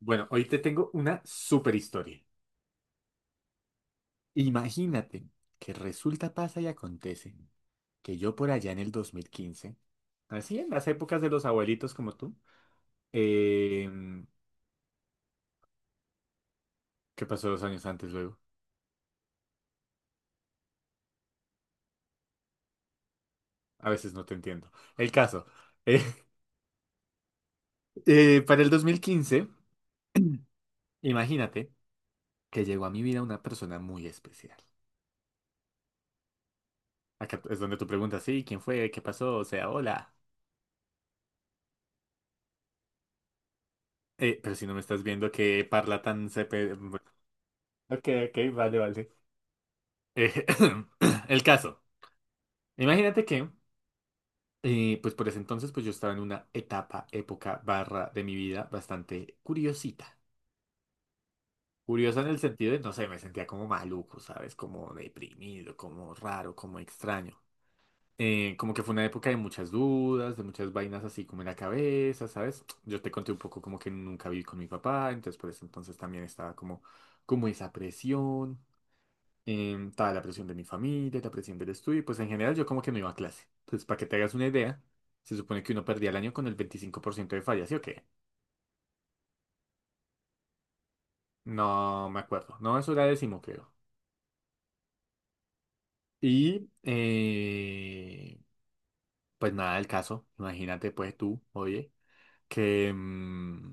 Bueno, hoy te tengo una super historia. Imagínate que resulta, pasa y acontece que yo por allá en el 2015, así en las épocas de los abuelitos como tú, eh, ¿qué pasó dos años antes luego? A veces no te entiendo. El caso, eh, para el 2015, imagínate que llegó a mi vida una persona muy especial. Acá es donde tú preguntas, sí, ¿quién fue? ¿Qué pasó? O sea, hola. Pero si no me estás viendo, qué parla tan... sepe- Ok, ok, vale, vale. Eh, el caso. Imagínate que, pues por ese entonces, pues yo estaba en una etapa, época, barra de mi vida bastante curiosita. Curiosa en el sentido de, no sé, me sentía como maluco, ¿sabes? Como deprimido, como raro, como extraño. Como que fue una época de muchas dudas, de muchas vainas así como en la cabeza, ¿sabes? Yo te conté un poco como que nunca viví con mi papá, entonces por eso entonces también estaba como, como esa presión. Estaba la presión de mi familia, la presión del estudio, y pues en general yo como que no iba a clase. Entonces, para que te hagas una idea, se supone que uno perdía el año con el 25% de fallas, ¿sí o qué? No me acuerdo. No, eso era décimo, creo. Y pues nada del caso. Imagínate, pues tú, oye, que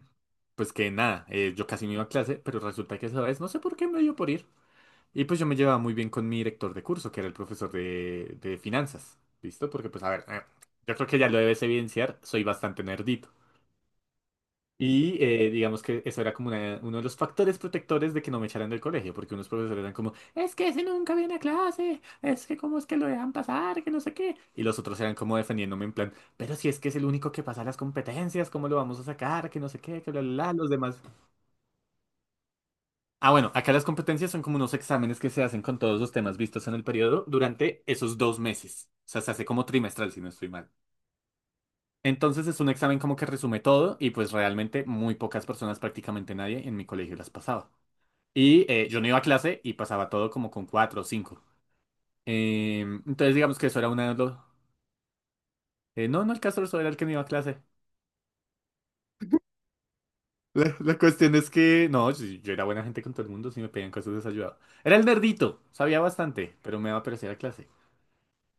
pues que nada, yo casi no iba a clase, pero resulta que esa vez, no sé por qué me dio por ir. Y pues yo me llevaba muy bien con mi director de curso, que era el profesor de finanzas. ¿Listo? Porque pues a ver, yo creo que ya lo debes evidenciar, soy bastante nerdito. Y digamos que eso era como una- uno de los factores protectores de que no me echaran del colegio, porque unos profesores eran como, es que ese nunca viene a clase, es que cómo es que lo dejan pasar, que no sé qué. Y los otros eran como defendiéndome en plan, pero si es que es el único que pasa las competencias, ¿cómo lo vamos a sacar? Que no sé qué, que bla, bla, bla, los demás. Ah, bueno, acá las competencias son como unos exámenes que se hacen con todos los temas vistos en el periodo durante esos dos meses. O sea, se hace como trimestral, si no estoy mal. Entonces es un examen como que resume todo y pues realmente muy pocas personas, prácticamente nadie en mi colegio las pasaba. Y yo no iba a clase y pasaba todo como con cuatro o cinco. Eh, entonces digamos que eso era una de los... no, no, el caso era el que no iba a clase. La cuestión es que, no, yo era buena gente con todo el mundo, si me pedían cosas desayudado. Era el nerdito, sabía bastante, pero me daba pereza ir a clase.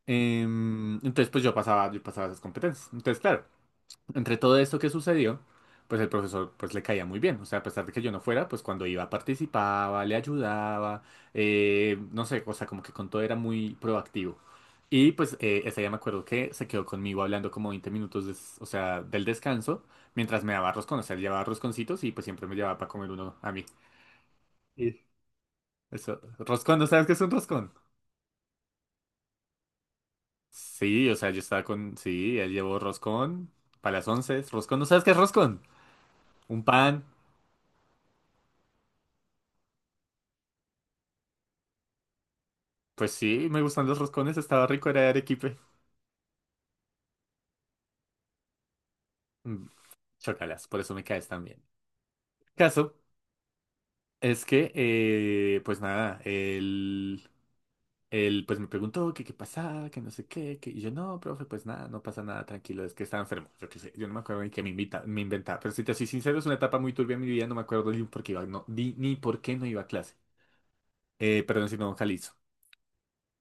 Entonces, pues yo pasaba esas competencias. Entonces, claro, entre todo esto que sucedió, pues el profesor pues le caía muy bien. O sea, a pesar de que yo no fuera, pues cuando iba participaba, le ayudaba, no sé, o sea, como que con todo era muy proactivo. Y pues ese día me acuerdo que se quedó conmigo hablando como 20 minutos, des- o sea, del descanso, mientras me daba roscón. O sea, él llevaba rosconcitos y pues siempre me llevaba para comer uno a mí. Sí. Eso, roscón, ¿no sabes qué es un roscón? Sí, o sea, yo estaba con... Sí, él llevó roscón para las once. Roscón, ¿no sabes qué es roscón? Un pan. Pues sí, me gustan los roscones, estaba rico, era de arequipe. Mm, chócalas, por eso me caes tan bien. Caso es que, pues nada, él pues me preguntó que qué pasaba, que no sé qué, que... y yo no, profe, pues nada, no pasa nada, tranquilo, es que estaba enfermo. Yo qué sé, yo no me acuerdo ni que me invita, me inventaba. Pero si te soy sincero, es una etapa muy turbia en mi vida, no me acuerdo ni por qué iba, no, ni por qué no iba a clase. Perdón si no, Jalisco.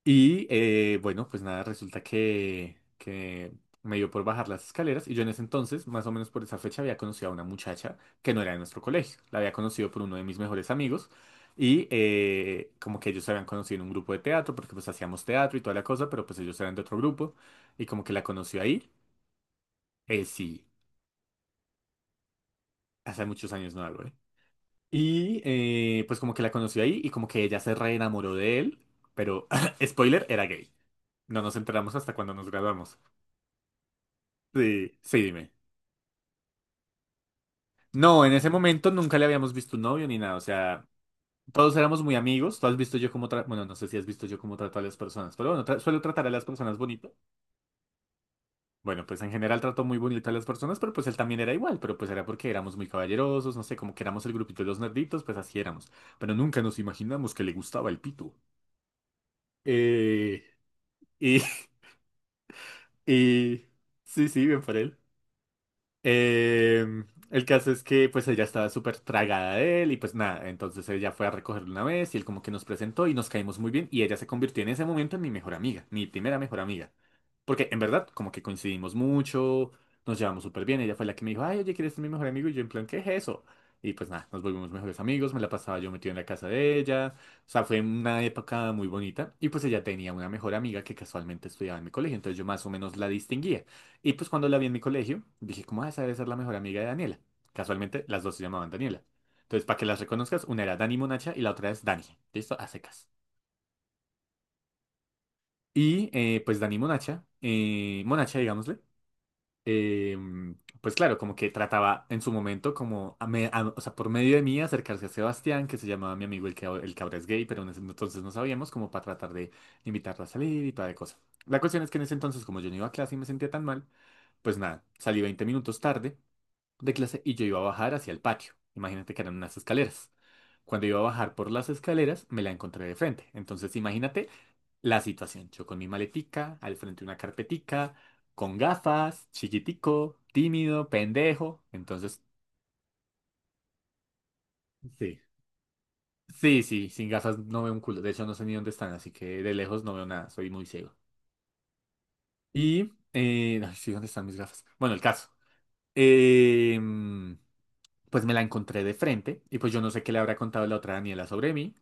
Y bueno, pues nada, resulta que me dio por bajar las escaleras y yo en ese entonces, más o menos por esa fecha, había conocido a una muchacha que no era de nuestro colegio. La había conocido por uno de mis mejores amigos y como que ellos se habían conocido en un grupo de teatro porque pues hacíamos teatro y toda la cosa, pero pues ellos eran de otro grupo y como que la conoció ahí. Sí, hace muchos años no hablo, ¿eh? Y pues como que la conoció ahí y como que ella se reenamoró de él, pero spoiler, era gay. No nos enteramos hasta cuando nos graduamos. Sí, sí, dime. No, en ese momento nunca le habíamos visto un novio ni nada, o sea, todos éramos muy amigos, tú has visto yo cómo trato, bueno, no sé si has visto yo cómo trato a las personas, pero bueno, tra- suelo tratar a las personas bonito. Bueno, pues en general trato muy bonito a las personas, pero pues él también era igual, pero pues era porque éramos muy caballerosos, no sé, como que éramos el grupito de los nerditos, pues así éramos, pero nunca nos imaginamos que le gustaba el pito. Eh, y, y, sí, sí, bien por él. Eh, el caso es que pues ella estaba súper tragada de él y pues nada, entonces ella fue a recogerlo una vez y él como que nos presentó y nos caímos muy bien y ella se convirtió en ese momento en mi mejor amiga, mi primera mejor amiga. Porque en verdad como que coincidimos mucho, nos llevamos súper bien, ella fue la que me dijo, ay, oye, ¿quieres ser mi mejor amigo? Y yo en plan, ¿qué es eso? Y pues nada, nos volvimos mejores amigos, me la pasaba yo metido en la casa de ella, o sea, fue una época muy bonita y pues ella tenía una mejor amiga que casualmente estudiaba en mi colegio, entonces yo más o menos la distinguía. Y pues cuando la vi en mi colegio, dije, ¿cómo esa debe ser la mejor amiga de Daniela? Casualmente, las dos se llamaban Daniela. Entonces, para que las reconozcas, una era Dani Monacha y la otra es Dani. ¿Listo? A secas. Y pues Dani Monacha, Monacha, digámosle, eh, pues claro, como que trataba en su momento, como, a me- a- o sea, por medio de mí, acercarse a Sebastián, que se llamaba mi amigo el que ahora es gay, pero en ese entonces no sabíamos, como para tratar de invitarla a salir y toda de cosa. La cuestión es que en ese entonces, como yo no iba a clase y me sentía tan mal, pues nada, salí 20 minutos tarde de clase y yo iba a bajar hacia el patio. Imagínate que eran unas escaleras. Cuando iba a bajar por las escaleras, me la encontré de frente. Entonces, imagínate la situación. Yo con mi maletica, al frente una carpetica, con gafas, chiquitico, tímido, pendejo. Entonces, sí. Sí, sí, sin gafas no veo un culo. De hecho, no sé ni dónde están, así que de lejos no veo nada. Soy muy ciego. Y, ay, sí, ¿dónde están mis gafas? Bueno, el caso. Eh, pues me la encontré de frente y pues yo no sé qué le habrá contado la otra Daniela sobre mí,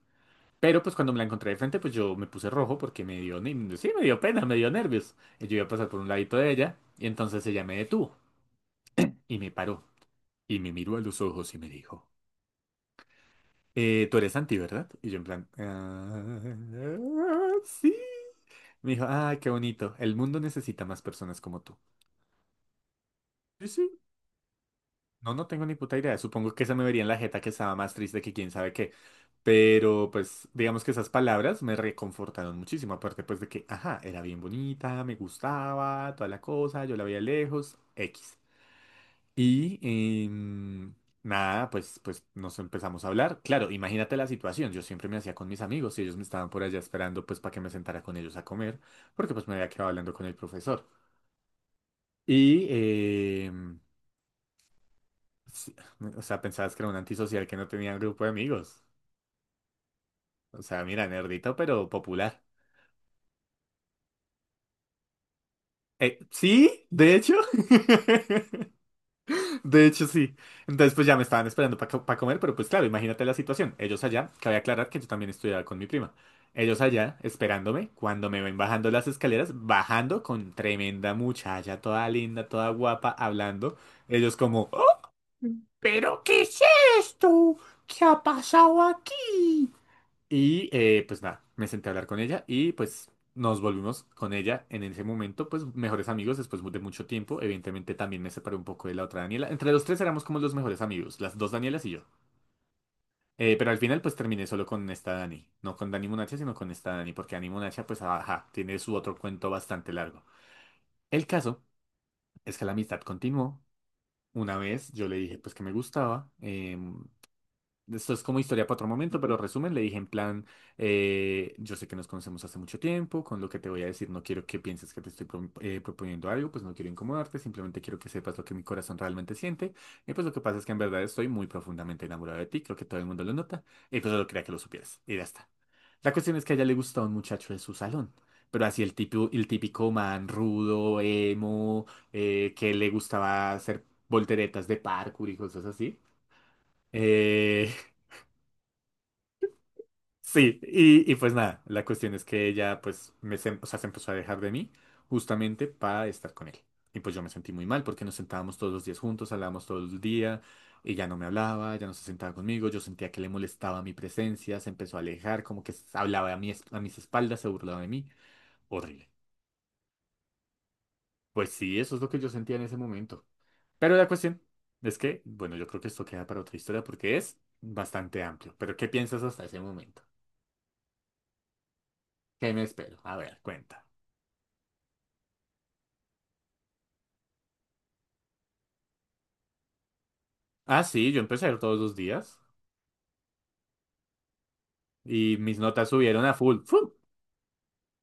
pero pues cuando me la encontré de frente, pues yo me puse rojo porque me dio, ni- sí, me dio pena, me dio nervios. Y yo iba a pasar por un ladito de ella y entonces ella me detuvo y me paró y me miró a los ojos y me dijo, tú eres Santi, ¿verdad? Y yo en plan, "Ah, sí." Me dijo, ay, qué bonito, el mundo necesita más personas como tú. Sí, sí. No, no tengo ni puta idea. Supongo que se me vería en la jeta que estaba más triste que quién sabe qué. Pero pues digamos que esas palabras me reconfortaron muchísimo. Aparte pues de que, ajá, era bien bonita, me gustaba, toda la cosa, yo la veía lejos, X. Y em, nada, pues, pues nos empezamos a hablar. Claro, imagínate la situación. Yo siempre me hacía con mis amigos y ellos me estaban por allá esperando pues para que me sentara con ellos a comer, porque pues me había quedado hablando con el profesor. Y... em, sí, o sea, pensabas que era un antisocial que no tenía un grupo de amigos. O sea, mira, nerdito, pero popular. Sí, de hecho. De hecho, sí. Entonces, pues ya me estaban esperando para comer, pero pues claro, imagínate la situación. Ellos allá, cabe aclarar que yo también estudiaba con mi prima. Ellos allá, esperándome, cuando me ven bajando las escaleras, bajando con tremenda muchacha, toda linda, toda guapa, hablando. Ellos como, "Oh, ¿pero qué es esto? ¿Qué ha pasado aquí?" Y pues nada, me senté a hablar con ella y pues nos volvimos con ella en ese momento, pues mejores amigos después de mucho tiempo. Evidentemente también me separé un poco de la otra Daniela. Entre los tres éramos como los mejores amigos, las dos Danielas y yo. Pero al final pues terminé solo con esta Dani. No con Dani Monacha, sino con esta Dani, porque Dani Monacha pues ajá, tiene su otro cuento bastante largo. El caso es que la amistad continuó. Una vez yo le dije pues que me gustaba. Esto es como historia para otro momento, pero resumen, le dije en plan, yo sé que nos conocemos hace mucho tiempo, con lo que te voy a decir no quiero que pienses que te estoy proponiendo algo, pues no quiero incomodarte, simplemente quiero que sepas lo que mi corazón realmente siente. Y pues lo que pasa es que en verdad estoy muy profundamente enamorado de ti, creo que todo el mundo lo nota, y pues solo quería que lo supieras, y ya está. La cuestión es que a ella le gusta un muchacho de su salón, pero así el típico man rudo, emo, que le gustaba hacer volteretas de parkour y cosas así. Eh, Sí, y pues nada, la cuestión es que ella pues o sea, se empezó a dejar de mí justamente para estar con él. Y pues yo me sentí muy mal porque nos sentábamos todos los días juntos, hablábamos todo el día, ella no me hablaba, ya no se sentaba conmigo, yo sentía que le molestaba mi presencia, se empezó a alejar, como que hablaba a a mis espaldas, se burlaba de mí. Horrible. Pues sí, eso es lo que yo sentía en ese momento. Pero la cuestión es que, bueno, yo creo que esto queda para otra historia porque es bastante amplio. Pero ¿qué piensas hasta ese momento? ¿Qué me espero? A ver, cuenta. Ah, sí, yo empecé a ir todos los días y mis notas subieron a full. ¡Fum!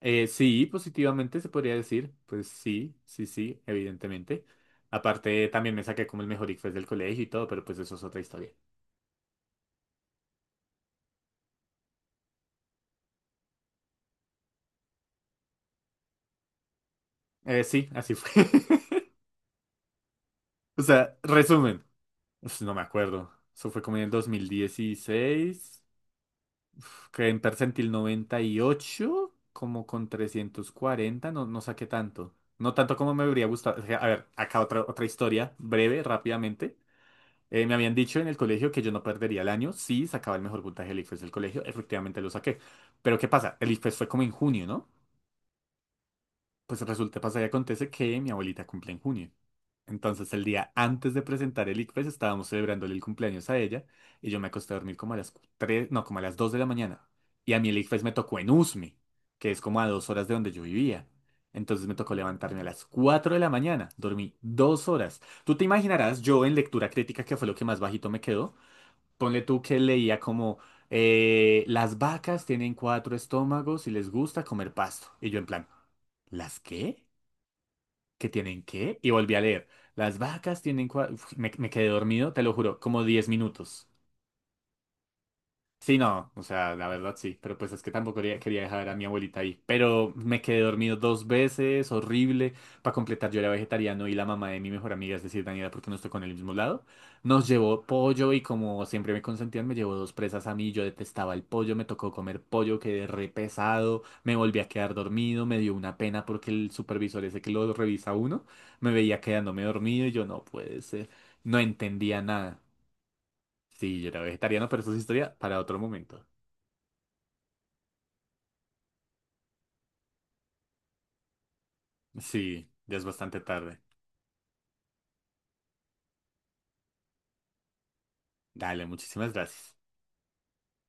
Sí, positivamente se podría decir. Pues sí, sí, sí, evidentemente. Aparte, también me saqué como el mejor ICFES del colegio y todo, pero pues eso es otra historia. Sí, así fue. O sea, resumen. Uf, no me acuerdo. Eso fue como en el 2016, que en percentil 98, como con 340, no, no saqué tanto. No tanto como me habría gustado. O sea, a ver, acá otra historia, breve, rápidamente. Me habían dicho en el colegio que yo no perdería el año si sacaba el mejor puntaje del ICFES del colegio. Efectivamente lo saqué. Pero ¿qué pasa? El ICFES fue como en junio, ¿no? Pues resulta, pasa y acontece que mi abuelita cumple en junio. Entonces el día antes de presentar el ICFES estábamos celebrándole el cumpleaños a ella y yo me acosté a dormir como a las 3 no, como a las 2 de la mañana. Y a mí el ICFES me tocó en Usme, que es como a 2 horas de donde yo vivía. Entonces me tocó levantarme a las 4 de la mañana, dormí 2 horas. Tú te imaginarás, yo en lectura crítica, que fue lo que más bajito me quedó, ponle tú que leía como las vacas tienen cuatro estómagos y les gusta comer pasto. Y yo en plan, ¿las qué? ¿Qué tienen qué? Y volví a leer. Las vacas tienen cuatro... Me quedé dormido, te lo juro, como 10 minutos. Sí, no, o sea, la verdad sí, pero pues es que tampoco quería, quería dejar a mi abuelita ahí, pero me quedé dormido dos veces, horrible, para completar yo era vegetariano y la mamá de mi mejor amiga, es decir, Daniela, porque nos tocó en el mismo lado, nos llevó pollo y como siempre me consentían, me llevó dos presas a mí, yo detestaba el pollo, me tocó comer pollo, quedé re pesado, me volví a quedar dormido, me dio una pena porque el supervisor ese que lo revisa uno, me veía quedándome dormido y yo no puede ser, no entendía nada. Sí, yo era vegetariano, pero eso es historia para otro momento. Sí, ya es bastante tarde. Dale, muchísimas gracias.